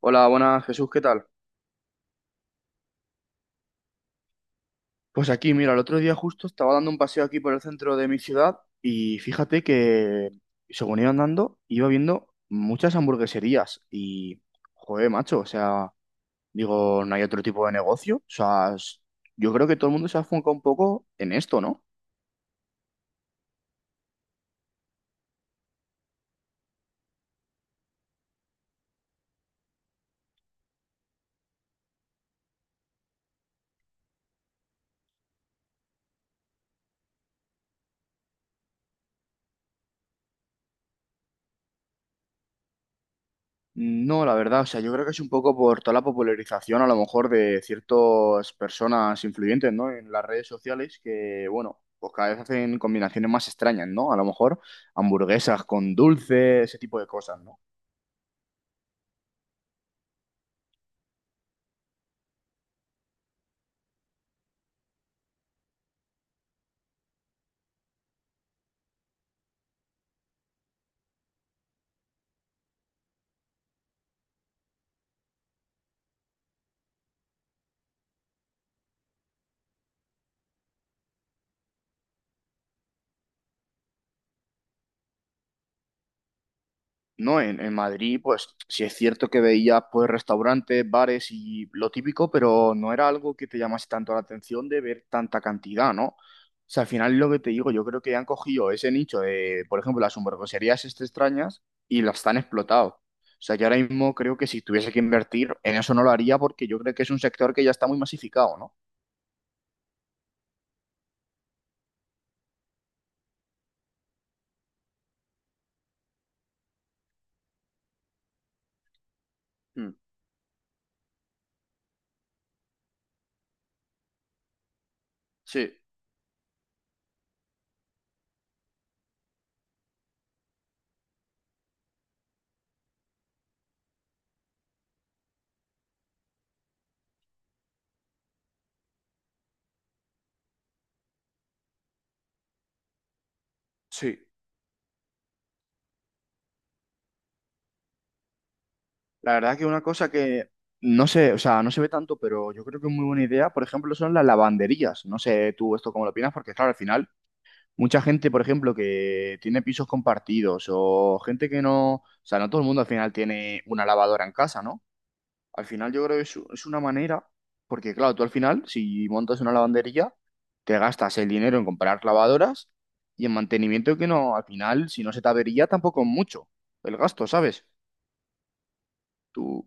Hola, buenas Jesús, ¿qué tal? Pues aquí, mira, el otro día justo estaba dando un paseo aquí por el centro de mi ciudad y fíjate que según iba andando, iba viendo muchas hamburgueserías y, joder, macho, o sea, digo, no hay otro tipo de negocio. O sea, yo creo que todo el mundo se ha enfocado un poco en esto, ¿no? No, la verdad, o sea, yo creo que es un poco por toda la popularización a lo mejor de ciertas personas influyentes, ¿no? En las redes sociales que, bueno, pues cada vez hacen combinaciones más extrañas, ¿no? A lo mejor hamburguesas con dulce, ese tipo de cosas, ¿no? No, en Madrid, pues sí es cierto que veías pues restaurantes, bares y lo típico, pero no era algo que te llamase tanto la atención de ver tanta cantidad, ¿no? O sea, al final lo que te digo, yo creo que han cogido ese nicho de, por ejemplo, las hamburgueserías este extrañas y las han explotado. O sea, yo ahora mismo creo que si tuviese que invertir en eso no lo haría porque yo creo que es un sector que ya está muy masificado, ¿no? Mm, sí, sí. La verdad que una cosa que no sé, o sea, no se ve tanto, pero yo creo que es muy buena idea, por ejemplo, son las lavanderías. No sé tú esto cómo lo opinas, porque claro, al final, mucha gente, por ejemplo, que tiene pisos compartidos o gente que no, o sea, no todo el mundo al final tiene una lavadora en casa, ¿no? Al final yo creo que es una manera, porque claro, tú al final, si montas una lavandería, te gastas el dinero en comprar lavadoras y en mantenimiento que no, al final, si no se te avería, tampoco es mucho el gasto, ¿sabes? Tú...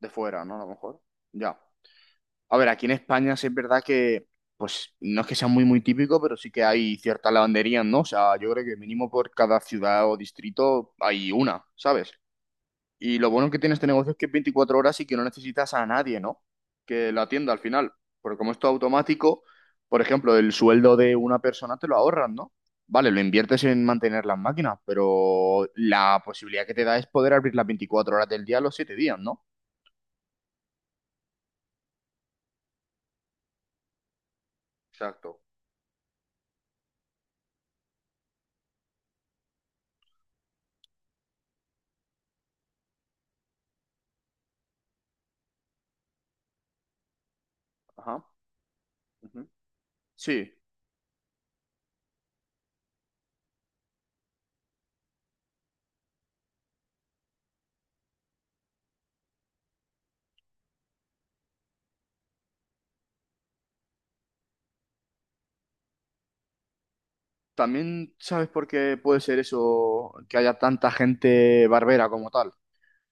de fuera, ¿no? A lo mejor. Ya. A ver, aquí en España sí es verdad que, pues, no es que sea muy, muy típico, pero sí que hay ciertas lavanderías, ¿no? O sea, yo creo que mínimo por cada ciudad o distrito hay una, ¿sabes? Y lo bueno que tiene este negocio es que es 24 horas y que no necesitas a nadie, ¿no? Que la atienda al final. Porque como esto es todo automático, por ejemplo, el sueldo de una persona te lo ahorras, ¿no? Vale, lo inviertes en mantener las máquinas, pero la posibilidad que te da es poder abrir las 24 horas del día los 7 días, ¿no? Exacto. Ajá. Ujú. Sí, también sabes por qué puede ser eso, que haya tanta gente barbera como tal.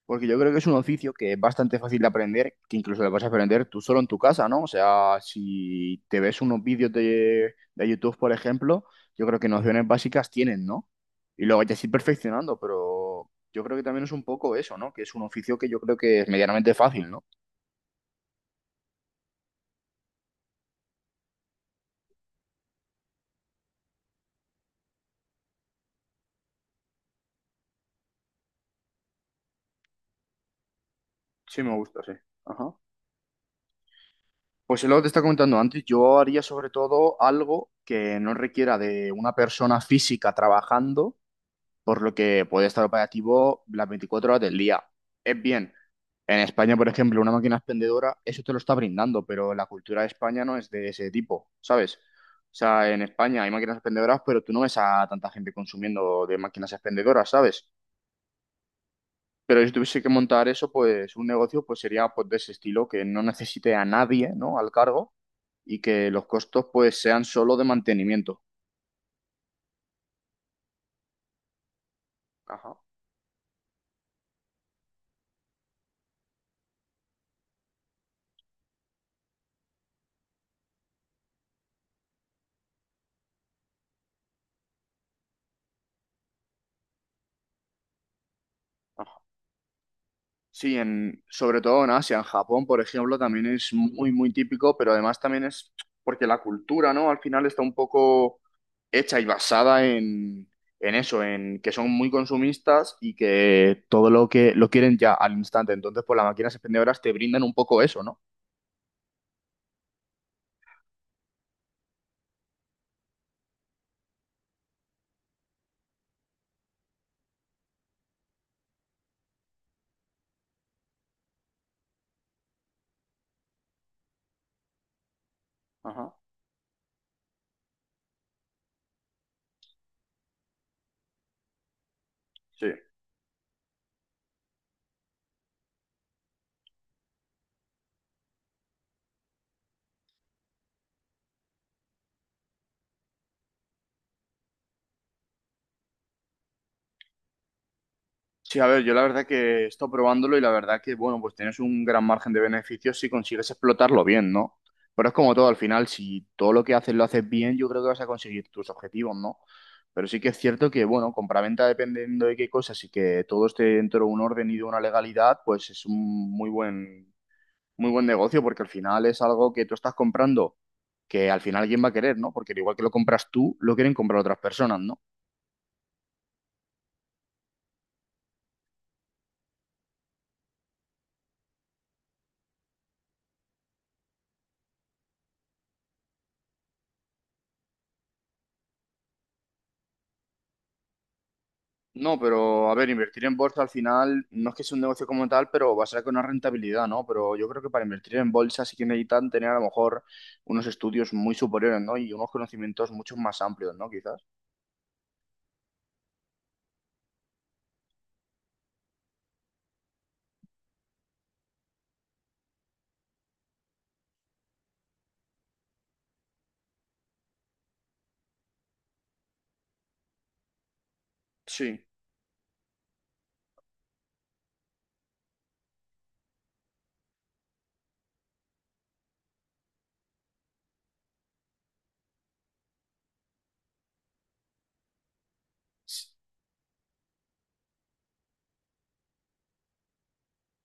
Porque yo creo que es un oficio que es bastante fácil de aprender, que incluso lo vas a aprender tú solo en tu casa, ¿no? O sea, si te ves unos vídeos de YouTube, por ejemplo, yo creo que nociones básicas tienen, ¿no? Y luego ya ir perfeccionando, pero yo creo que también es un poco eso, ¿no? Que es un oficio que yo creo que es medianamente fácil, ¿no? Sí, me gusta, sí. Ajá. Pues es lo que te está comentando antes, yo haría sobre todo algo que no requiera de una persona física trabajando, por lo que puede estar operativo las 24 horas del día. Es bien, en España, por ejemplo, una máquina expendedora, eso te lo está brindando, pero la cultura de España no es de ese tipo, ¿sabes? O sea, en España hay máquinas expendedoras, pero tú no ves a tanta gente consumiendo de máquinas expendedoras, ¿sabes? Pero si tuviese que montar eso, pues un negocio pues sería pues de ese estilo, que no necesite a nadie, ¿no? Al cargo y que los costos pues sean solo de mantenimiento. Ajá, ajá. Sí, en, sobre todo en Asia, en Japón, por ejemplo, también es muy, muy típico, pero además también es porque la cultura, ¿no? Al final está un poco hecha y basada en eso, en que son muy consumistas y que todo lo que lo quieren ya al instante. Entonces, pues las máquinas expendedoras te brindan un poco eso, ¿no? Ajá, sí. Sí, a ver, yo la verdad que he estado probándolo y la verdad que, bueno, pues tienes un gran margen de beneficios si consigues explotarlo bien, ¿no? Pero es como todo, al final, si todo lo que haces lo haces bien, yo creo que vas a conseguir tus objetivos, ¿no? Pero sí que es cierto que, bueno, compraventa dependiendo de qué cosas y que todo esté dentro de un orden y de una legalidad, pues es un muy buen negocio porque al final es algo que tú estás comprando que al final quién va a querer, ¿no? Porque al igual que lo compras tú, lo quieren comprar otras personas, ¿no? No, pero a ver, invertir en bolsa al final no es que sea un negocio como tal, pero va a ser con una rentabilidad, ¿no? Pero yo creo que para invertir en bolsa sí que necesitan tener a lo mejor unos estudios muy superiores, ¿no? Y unos conocimientos mucho más amplios, ¿no? Quizás. Sí. S-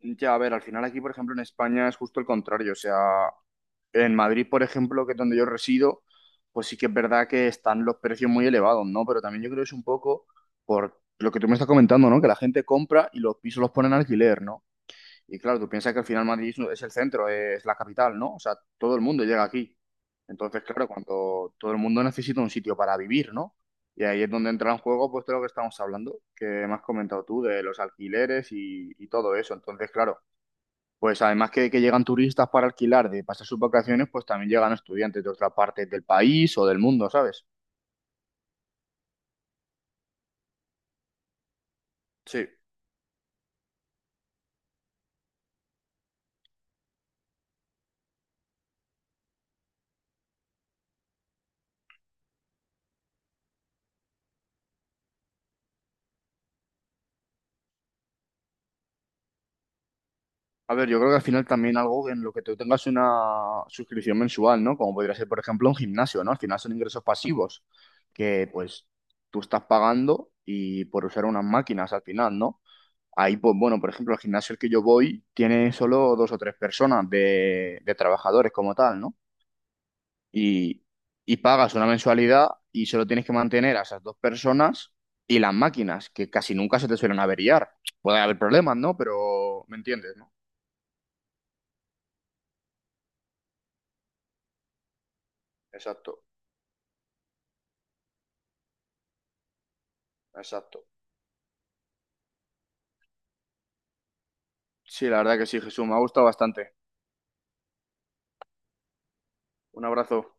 Ya, a ver, al final aquí, por ejemplo, en España es justo el contrario. O sea, en Madrid, por ejemplo, que es donde yo resido, pues sí que es verdad que están los precios muy elevados, ¿no? Pero también yo creo que es un poco por lo que tú me estás comentando, ¿no? Que la gente compra y los pisos los ponen a alquiler, ¿no? Y claro, tú piensas que al final Madrid es el centro, es la capital, ¿no? O sea, todo el mundo llega aquí. Entonces, claro, cuando todo el mundo necesita un sitio para vivir, ¿no? Y ahí es donde entra en juego, pues, todo lo que estamos hablando, que me has comentado tú, de los alquileres y todo eso. Entonces, claro, pues además que llegan turistas para alquilar, de pasar sus vacaciones, pues también llegan estudiantes de otras partes del país o del mundo, ¿sabes? Sí. A ver, yo creo que al final también algo en lo que tú tengas una suscripción mensual, ¿no? Como podría ser, por ejemplo, un gimnasio, ¿no? Al final son ingresos pasivos que, pues, tú estás pagando y por usar unas máquinas al final, ¿no? Ahí, pues, bueno, por ejemplo, el gimnasio al que yo voy tiene solo dos o tres personas de trabajadores como tal, ¿no? Y, y pagas una mensualidad y solo tienes que mantener a esas dos personas y las máquinas, que casi nunca se te suelen averiar. Puede haber problemas, ¿no? Pero, ¿me entiendes, no? Exacto. Exacto. Sí, la verdad que sí, Jesús, me ha gustado bastante. Un abrazo.